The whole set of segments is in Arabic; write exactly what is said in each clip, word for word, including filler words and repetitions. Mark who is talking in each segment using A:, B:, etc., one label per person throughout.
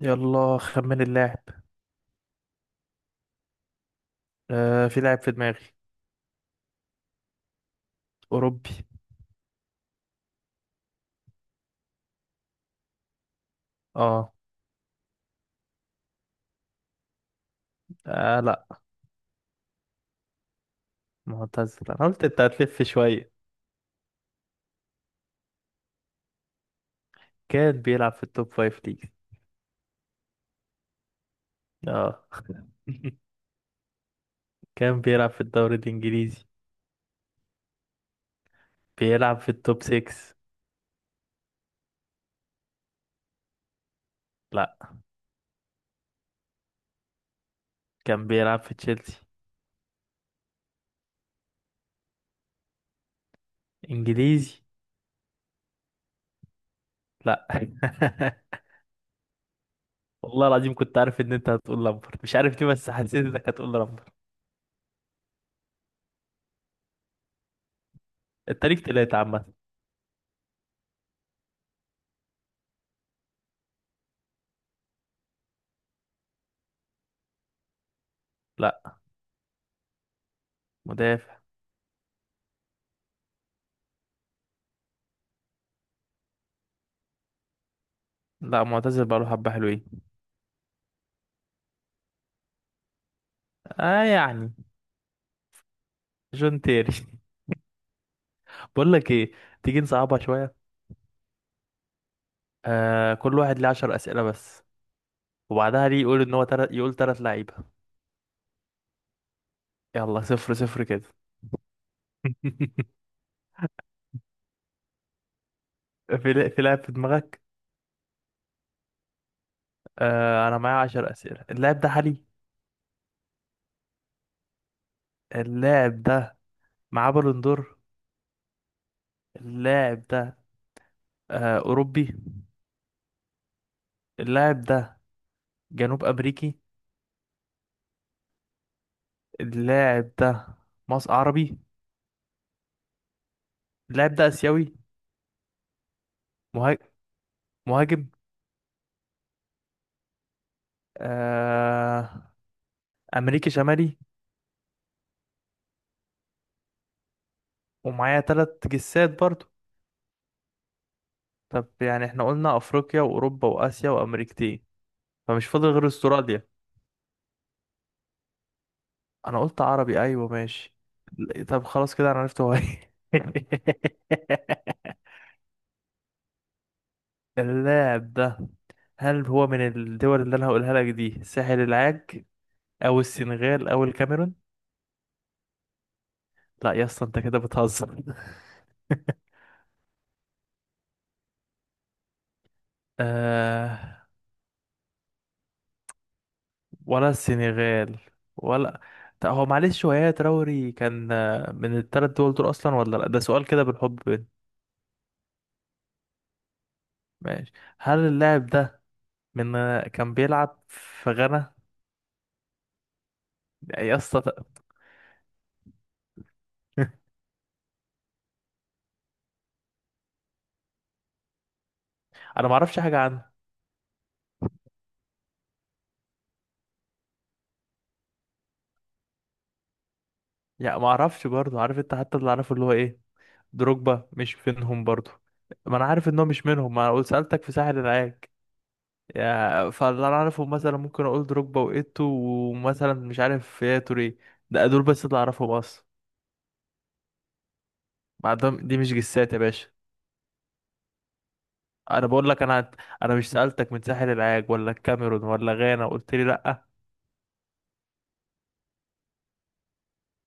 A: يلا خمن اللاعب. آه، في لاعب في دماغي. أوروبي. اه، آه لا. معتزل، أنا قلت أنت هتلف شوية. كان بيلعب في التوب فايف ليج. اه. كان بيلعب في الدوري الإنجليزي. بيلعب في التوب ستة. لا. كان بيلعب في تشيلسي. إنجليزي. لا. والله العظيم كنت عارف إن أنت هتقول لامبر، مش عارف ليه، بس حسيت إنك هتقول لامبر. أنت ليك تلاتة عامة. لا. مدافع. لا. معتزل بقاله حبة حلوين. اه، يعني. جون تيري. بقول لك ايه، تيجي نصعبها شويه. آه، كل واحد ليه عشر اسئله بس. وبعدها ليه يقول ان هو تلت يقول تلات لعيبه. يلا صفر صفر كده. في لا- في لاعب في دماغك. آه، انا معايا عشر اسئله. اللاعب ده حالي. اللاعب ده معاه بالون دور. اللاعب ده آه اوروبي. اللاعب ده جنوب امريكي. اللاعب ده مصر عربي. اللاعب ده اسيوي. مهاج- مهاجم. آه. امريكي شمالي. ومعايا تلات جسات برضه. طب يعني احنا قلنا افريقيا واوروبا واسيا وامريكتين، فمش فاضل غير استراليا. انا قلت عربي، ايوه ماشي. ل- طب خلاص، كده انا عرفت هو ايه. اللاعب ده، هل هو من الدول اللي انا هقولها لك دي: ساحل العاج او السنغال او الكاميرون؟ لا يا اسطى، انت كده بتهزر. آه، ولا السنغال ولا؟ طب هو، معلش، هو يا تراوري كان، آه، من الثلاث دول دول اصلا ولا لا؟ ده سؤال كده بالحب. ماشي. هل اللاعب ده من كان بيلعب في غانا؟ يا اسطى ت- انا ما اعرفش حاجه عنه. يعني ما اعرفش برضه، عارف انت، حتى اللي اعرفه اللي هو ايه، دروجبا مش منهم برضه؟ ما انا عارف ان هو مش منهم، ما انا سالتك في ساحل العاج. يا فاللي انا اعرفه مثلا ممكن اقول دروجبا وايتو، ومثلا مش عارف يا توري. ده دول بس اللي اعرفهم اصلا. بعدهم دي مش جسات يا باشا. انا بقول لك انا. انا مش سالتك من ساحل العاج ولا الكاميرون ولا غانا وقلت لي لا؟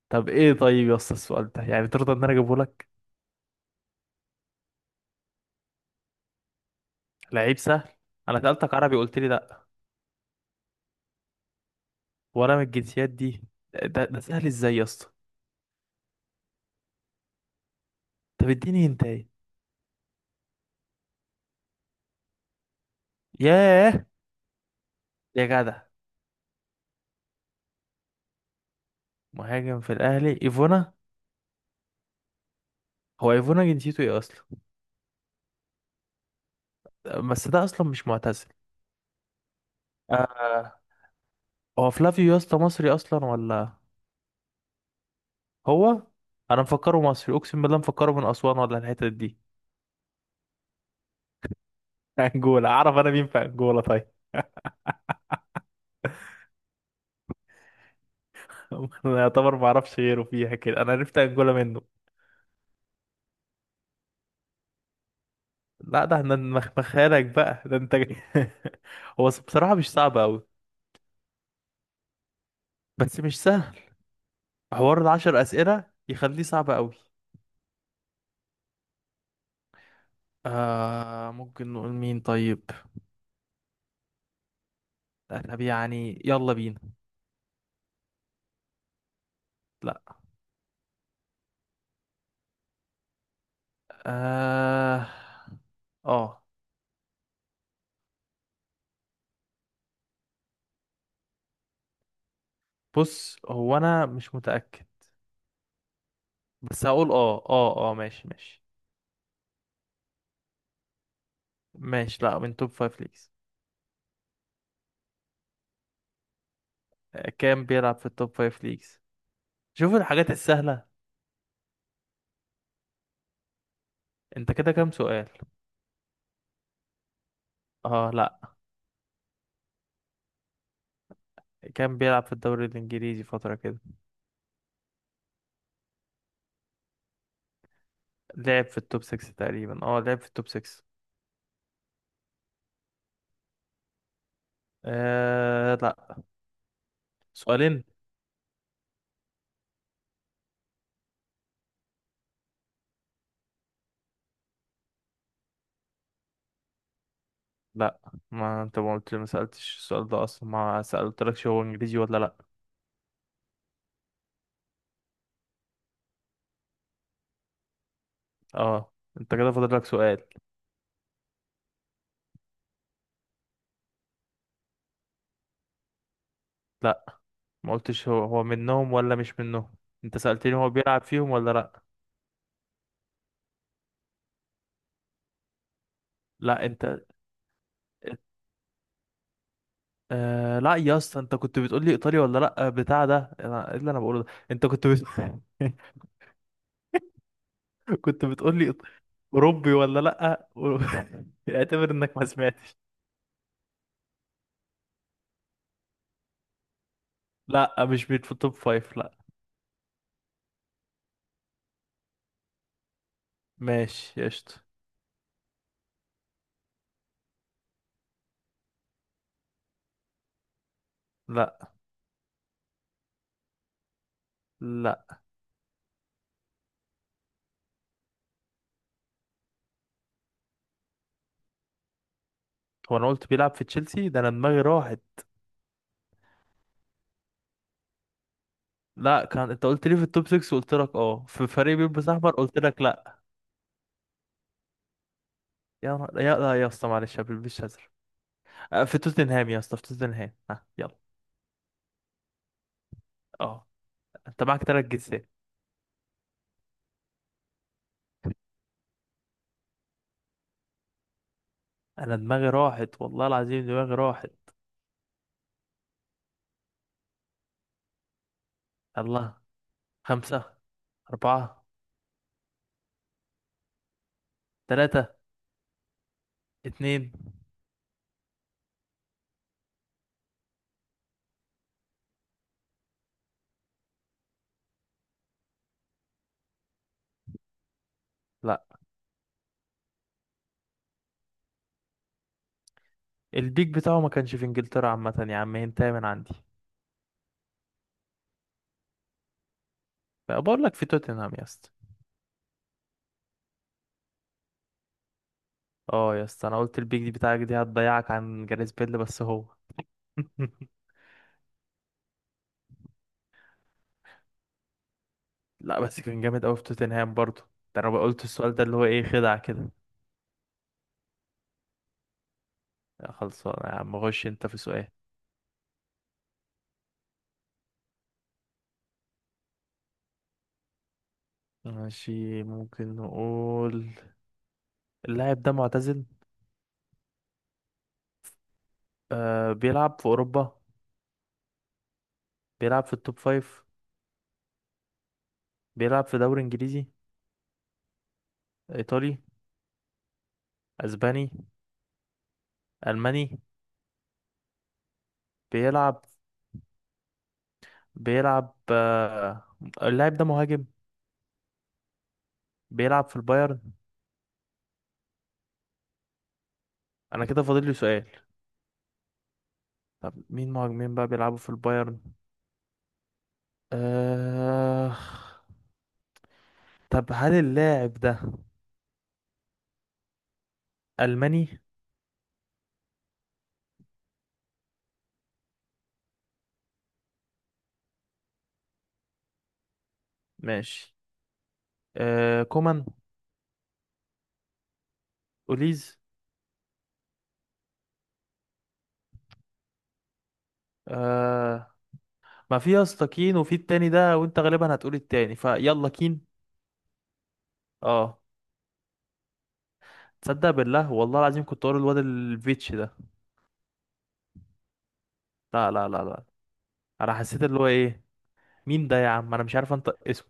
A: طب ايه، طيب يا اسطى السؤال ده يعني ترضى ان انا اجيبه لك؟ لعيب سهل! انا سألتك عربي قلت لي لا، وانا من الجنسيات دي. ده, ده سهل ازاي يا اسطى؟ طب اديني انت ايه. ياه. يا جدع. مهاجم في الاهلي، ايفونا؟ هو ايفونا جنسيته ايه اصلا؟ بس ده اصلا مش معتزل. آه. هو فلافيو يا اسطى مصري اصلا ولا؟ هو؟ انا مفكره مصري، اقسم بالله مفكره من اسوان ولا الحتت دي. انجولا! اعرف انا مين في انجولا طيب؟ انا يعتبر ما اعرفش غيره فيها. كده انا عرفت انجولا منه. لا ده احنا مخمخالك بقى ده انت جاي. هو بصراحة مش صعب أوي، بس مش سهل. حوار العشر أسئلة يخليه صعب أوي. آه، ممكن نقول مين طيب. طب يعني يلا بينا. لا. اه، اه. بص، هو أنا مش متأكد، بس هقول اه اه اه، ماشي ماشي. ماشي. لا، من توب فايف ليجز. آه، كام بيلعب في التوب فايف ليجز. شوف الحاجات السهلة. انت كده كام سؤال؟ اه لا. كان بيلعب في الدوري الانجليزي فترة كده. لعب في التوب ستة تقريبا، اه لعب في التوب ستة. آه لا. سؤالين. لا، ما انت ما قلت ما سألتش السؤال ده اصلا، ما سألتلكش هو انجليزي ولا لا. اه. انت كده فاضل لك سؤال. لا، ما قلتش هو هو منهم ولا مش منهم. انت سألتني هو بيلعب فيهم ولا لا. لا انت. آه لا يا اسطى، انت كنت بتقول لي ايطاليا ولا لا بتاع ده. أنا- ايه اللي انا بقوله ده، انت كنت بت... كنت بتقول لي إيط- اوروبي ولا لا و- اعتبر انك ما سمعتش. لا، مش بيت في التوب فايف لا. ماشي قشطة. لا، لا. هو انا قلت بيلعب في تشيلسي؟ ده انا دماغي راحت. لا، كان انت قلت لي في التوب ستة، قلت لك اه، في فريق بيلبس احمر، قلت لك لا. يا نهار- يا لا يا اسطى، معلش، ما بيلبسش ازرق. آه، في توتنهام يا اسطى، في توتنهام. ها يلا. اه. انت معاك تلات جنسيات. انا دماغي راحت، والله العظيم دماغي راحت. الله. خمسة. أربعة. تلاتة. اتنين. لا. البيك بتاعه ما كانش في انجلترا عامة يا عم، انت من عندي. بقول لك في توتنهام يا اسطى. اه يا اسطى، انا قلت البيك دي بتاعك دي هتضيعك عن جاريث بيل، بس هو. لا بس كان جامد قوي في توتنهام برضه. ده انا قلت السؤال ده اللي هو ايه، خدعة كده. يا خلصان يا عم، غش انت في سؤال. ماشي. ممكن نقول. اللاعب ده معتزل. آه، بيلعب في اوروبا. بيلعب في التوب فايف. بيلعب في دوري انجليزي. ايطالي. اسباني. الماني. بيلعب بيلعب آه اللاعب ده مهاجم. بيلعب في البايرن. انا كده فاضل لي سؤال. طب مين مهاجمين بقى بيلعبوا في البايرن؟ آه... طب هل اللاعب ده ألماني؟ ماشي. آه... كومان. أوليز. آه... ما في يا اسطى كين، وفي التاني ده، وانت غالبا هتقول التاني فيلا كين. اه. تصدق بالله، والله العظيم كنت اقول الواد الفيتش ده. لا لا لا لا. انا حسيت اللي هو ايه، مين ده يا عم، انا مش عارف انطق اسمه.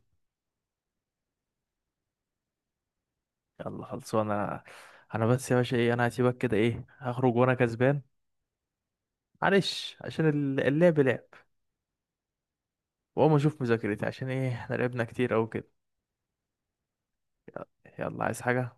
A: يلا خلصانه انا. انا بس يا باشا ايه، انا هسيبك كده، ايه، هخرج وانا كسبان. معلش عشان ال- اللعب لعب. واقوم اشوف مذاكرتي، عشان ايه احنا لعبنا كتير اوي كده. يلا عايز حاجة؟